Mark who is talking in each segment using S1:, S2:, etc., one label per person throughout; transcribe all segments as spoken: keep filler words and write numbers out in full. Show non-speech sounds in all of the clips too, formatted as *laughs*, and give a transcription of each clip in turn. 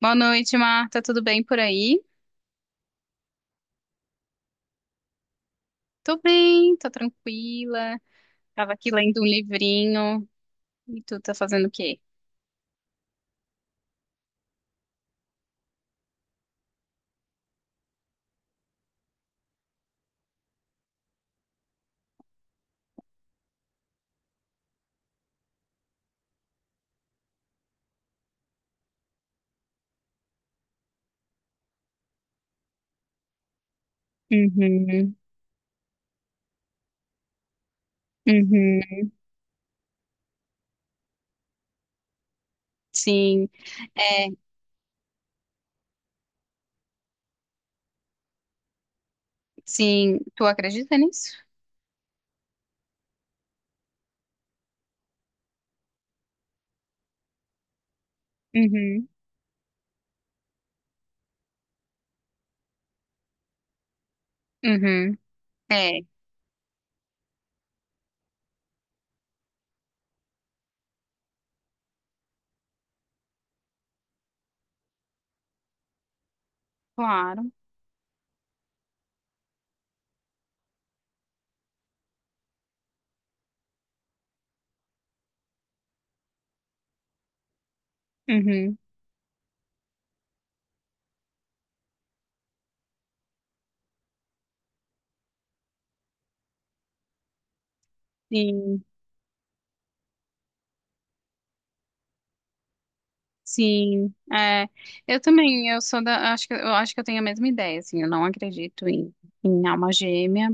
S1: Boa noite, Marta. Tudo bem por aí? Tô bem, tô tranquila. Tava aqui lendo um livrinho. E tu tá fazendo o quê? Uhum, uhum. Sim, é, sim. Tu acredita nisso? Uhum, uhum. É, claro. Uhum. Sim, sim. É, eu também, eu sou da, acho que eu acho que eu tenho a mesma ideia, assim, eu não acredito em, em alma gêmea.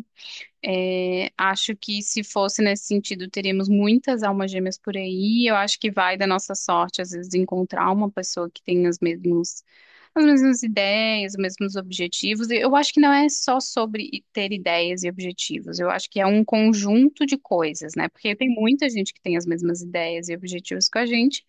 S1: É, acho que se fosse nesse sentido, teríamos muitas almas gêmeas por aí. Eu acho que vai da nossa sorte, às vezes, encontrar uma pessoa que tem as mesmas, as mesmas ideias, os mesmos objetivos. E eu acho que não é só sobre ter ideias e objetivos. Eu acho que é um conjunto de coisas, né? Porque tem muita gente que tem as mesmas ideias e objetivos que a gente,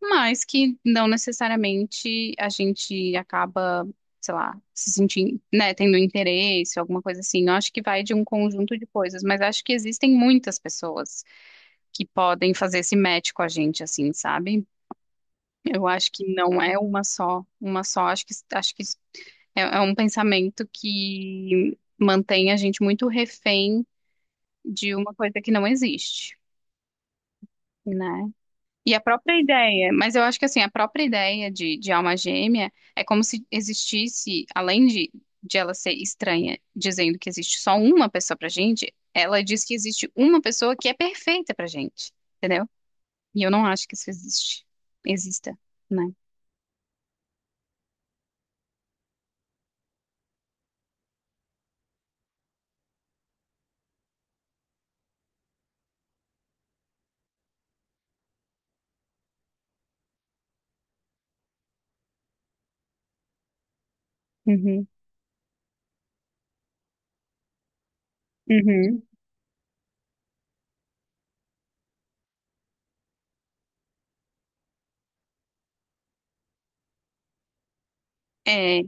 S1: mas que não necessariamente a gente acaba, sei lá, se sentindo, né, tendo interesse, alguma coisa assim. Eu acho que vai de um conjunto de coisas, mas acho que existem muitas pessoas que podem fazer esse match com a gente, assim, sabe? Eu acho que não é uma só, uma só. Acho que, acho que é, é um pensamento que mantém a gente muito refém de uma coisa que não existe, né? E a própria ideia, mas eu acho que assim, a própria ideia de, de alma gêmea é como se existisse, além de, de ela ser estranha, dizendo que existe só uma pessoa pra gente, ela diz que existe uma pessoa que é perfeita pra gente, entendeu? E eu não acho que isso existe, exista, né? Uhum, uhum. É,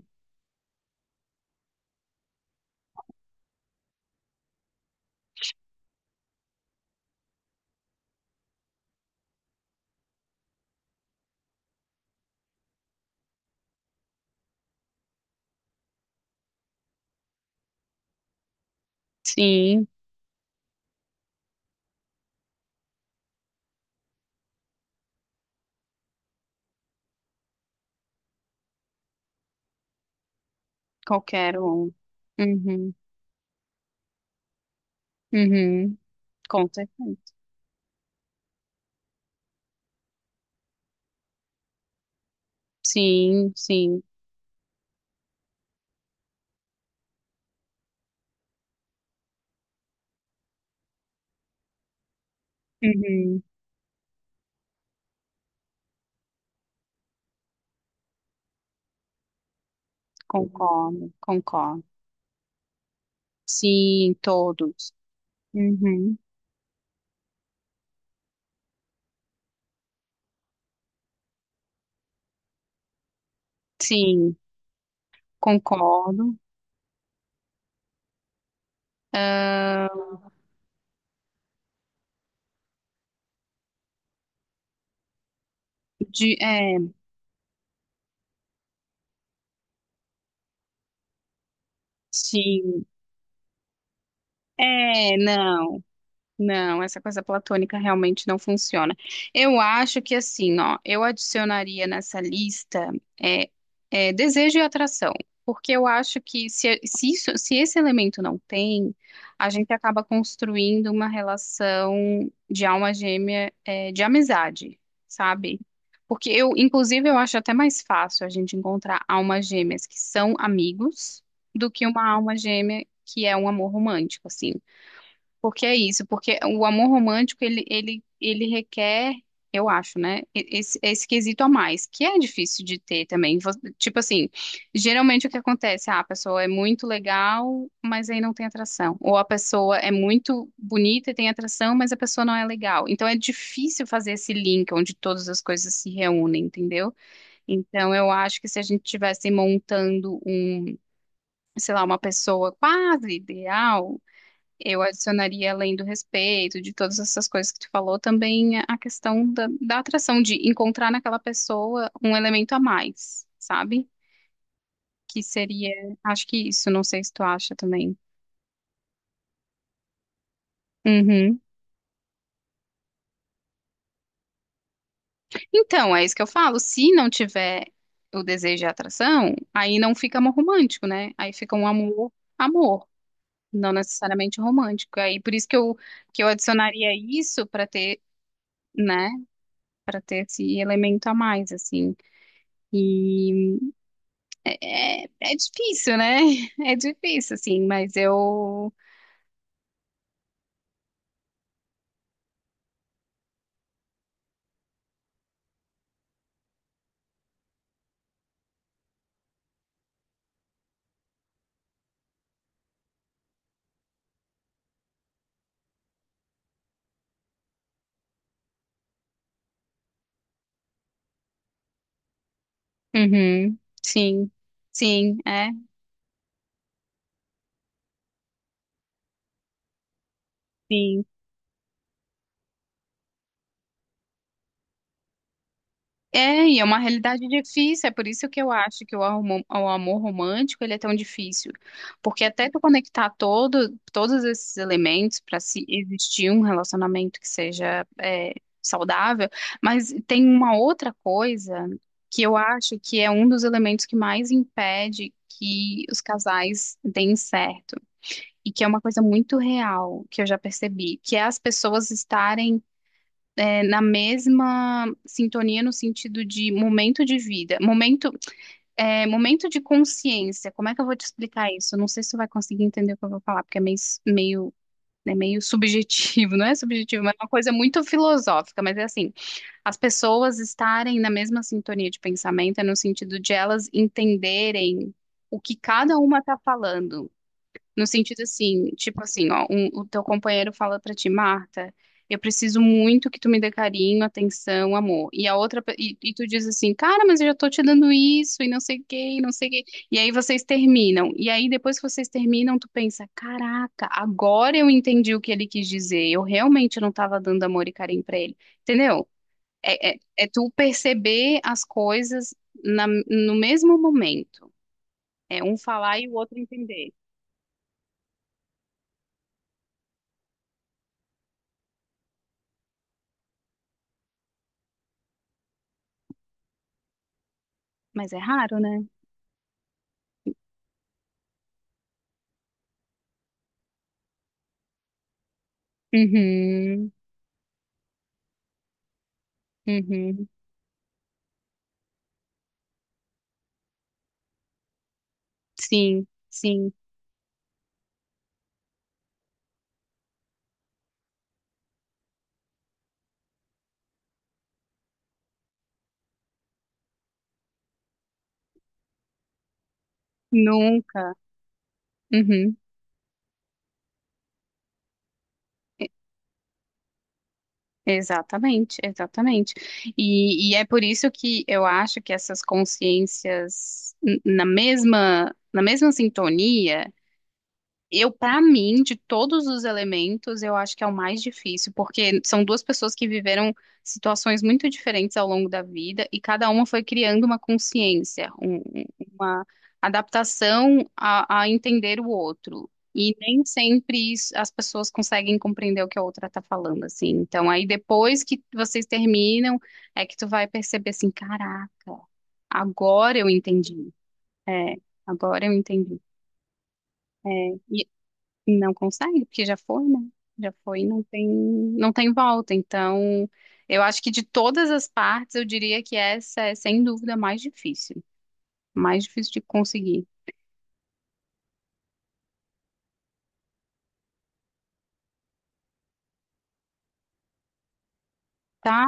S1: sim, qualquer um. Uhum, uhum. Com certeza. Sim, sim. Uhum. Concordo, concordo. Sim, todos. Uhum. Sim, concordo. Ah, de, é, sim. É, não. Não, essa coisa platônica realmente não funciona. Eu acho que assim, ó, eu adicionaria nessa lista é, é, desejo e atração, porque eu acho que se, se isso, se esse elemento não tem, a gente acaba construindo uma relação de alma gêmea, é, de amizade, sabe? Porque eu, inclusive, eu acho até mais fácil a gente encontrar almas gêmeas que são amigos do que uma alma gêmea que é um amor romântico, assim. Porque é isso, porque o amor romântico, ele, ele, ele requer, eu acho, né, e- esse, esse quesito a mais, que é difícil de ter também. Vo- Tipo assim, geralmente o que acontece, ah, a pessoa é muito legal, mas aí não tem atração. Ou a pessoa é muito bonita e tem atração, mas a pessoa não é legal. Então é difícil fazer esse link onde todas as coisas se reúnem, entendeu? Então eu acho que se a gente estivesse montando um, sei lá, uma pessoa quase ideal, eu adicionaria, além do respeito, de todas essas coisas que tu falou, também a questão da, da atração, de encontrar naquela pessoa um elemento a mais, sabe? Que seria, acho que isso, não sei se tu acha também. Uhum. Então, é isso que eu falo. Se não tiver o desejo e a atração, aí não fica amor romântico, né? Aí fica um amor, amor, não necessariamente romântico. Aí por isso que eu, que eu adicionaria isso para ter, né, ter esse elemento a mais, assim. E É, é é difícil, né? *laughs* É difícil, assim, mas eu. Uhum, sim, sim, é, sim. É, e é uma realidade difícil, é por isso que eu acho que o amor, o amor romântico ele é tão difícil. Porque até tu conectar todo, todos esses elementos para se existir um relacionamento que seja é, saudável, mas tem uma outra coisa que eu acho que é um dos elementos que mais impede que os casais deem certo e que é uma coisa muito real que eu já percebi, que é as pessoas estarem é, na mesma sintonia no sentido de momento de vida, momento, é, momento de consciência. Como é que eu vou te explicar isso? Eu não sei se você vai conseguir entender o que eu vou falar, porque é meio, meio É meio subjetivo, *laughs* não é subjetivo, mas é uma coisa muito filosófica, mas é assim, as pessoas estarem na mesma sintonia de pensamento, é no sentido de elas entenderem o que cada uma está falando. No sentido assim, tipo assim, ó, um- o teu companheiro fala pra ti, Marta, eu preciso muito que tu me dê carinho, atenção, amor. E a outra, pe- e, e tu diz assim, cara, mas eu já tô te dando isso, e não sei o quê, e não sei o quê. E aí vocês terminam. E aí depois que vocês terminam, tu pensa, caraca, agora eu entendi o que ele quis dizer. Eu realmente não tava dando amor e carinho pra ele. Entendeu? É, é, é tu perceber as coisas na- no mesmo momento. É um falar e o outro entender. Mas é raro, né? Uhum, uhum. Sim, sim, nunca. Uhum. Exatamente, exatamente. E, e é por isso que eu acho que essas consciências n- na mesma, na mesma sintonia. Eu, para mim, de todos os elementos, eu acho que é o mais difícil, porque são duas pessoas que viveram situações muito diferentes ao longo da vida e cada uma foi criando uma consciência, um- um- uma adaptação a, a entender o outro. E nem sempre isso- as pessoas conseguem compreender o que a outra está falando, assim. Então, aí depois que vocês terminam, é que tu vai perceber assim, caraca, agora eu entendi. É, agora eu entendi. É, e não consegue, porque já foi, né? Já foi, e não tem, não tem, volta. Então, eu acho que de todas as partes, eu diria que essa é, sem dúvida, a mais difícil. Mais difícil de conseguir. Tá?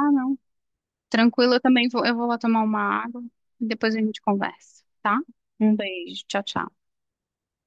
S1: Tranquilo, eu também vou, eu vou lá tomar uma água e depois a gente conversa, tá? Um beijo, tchau, tchau.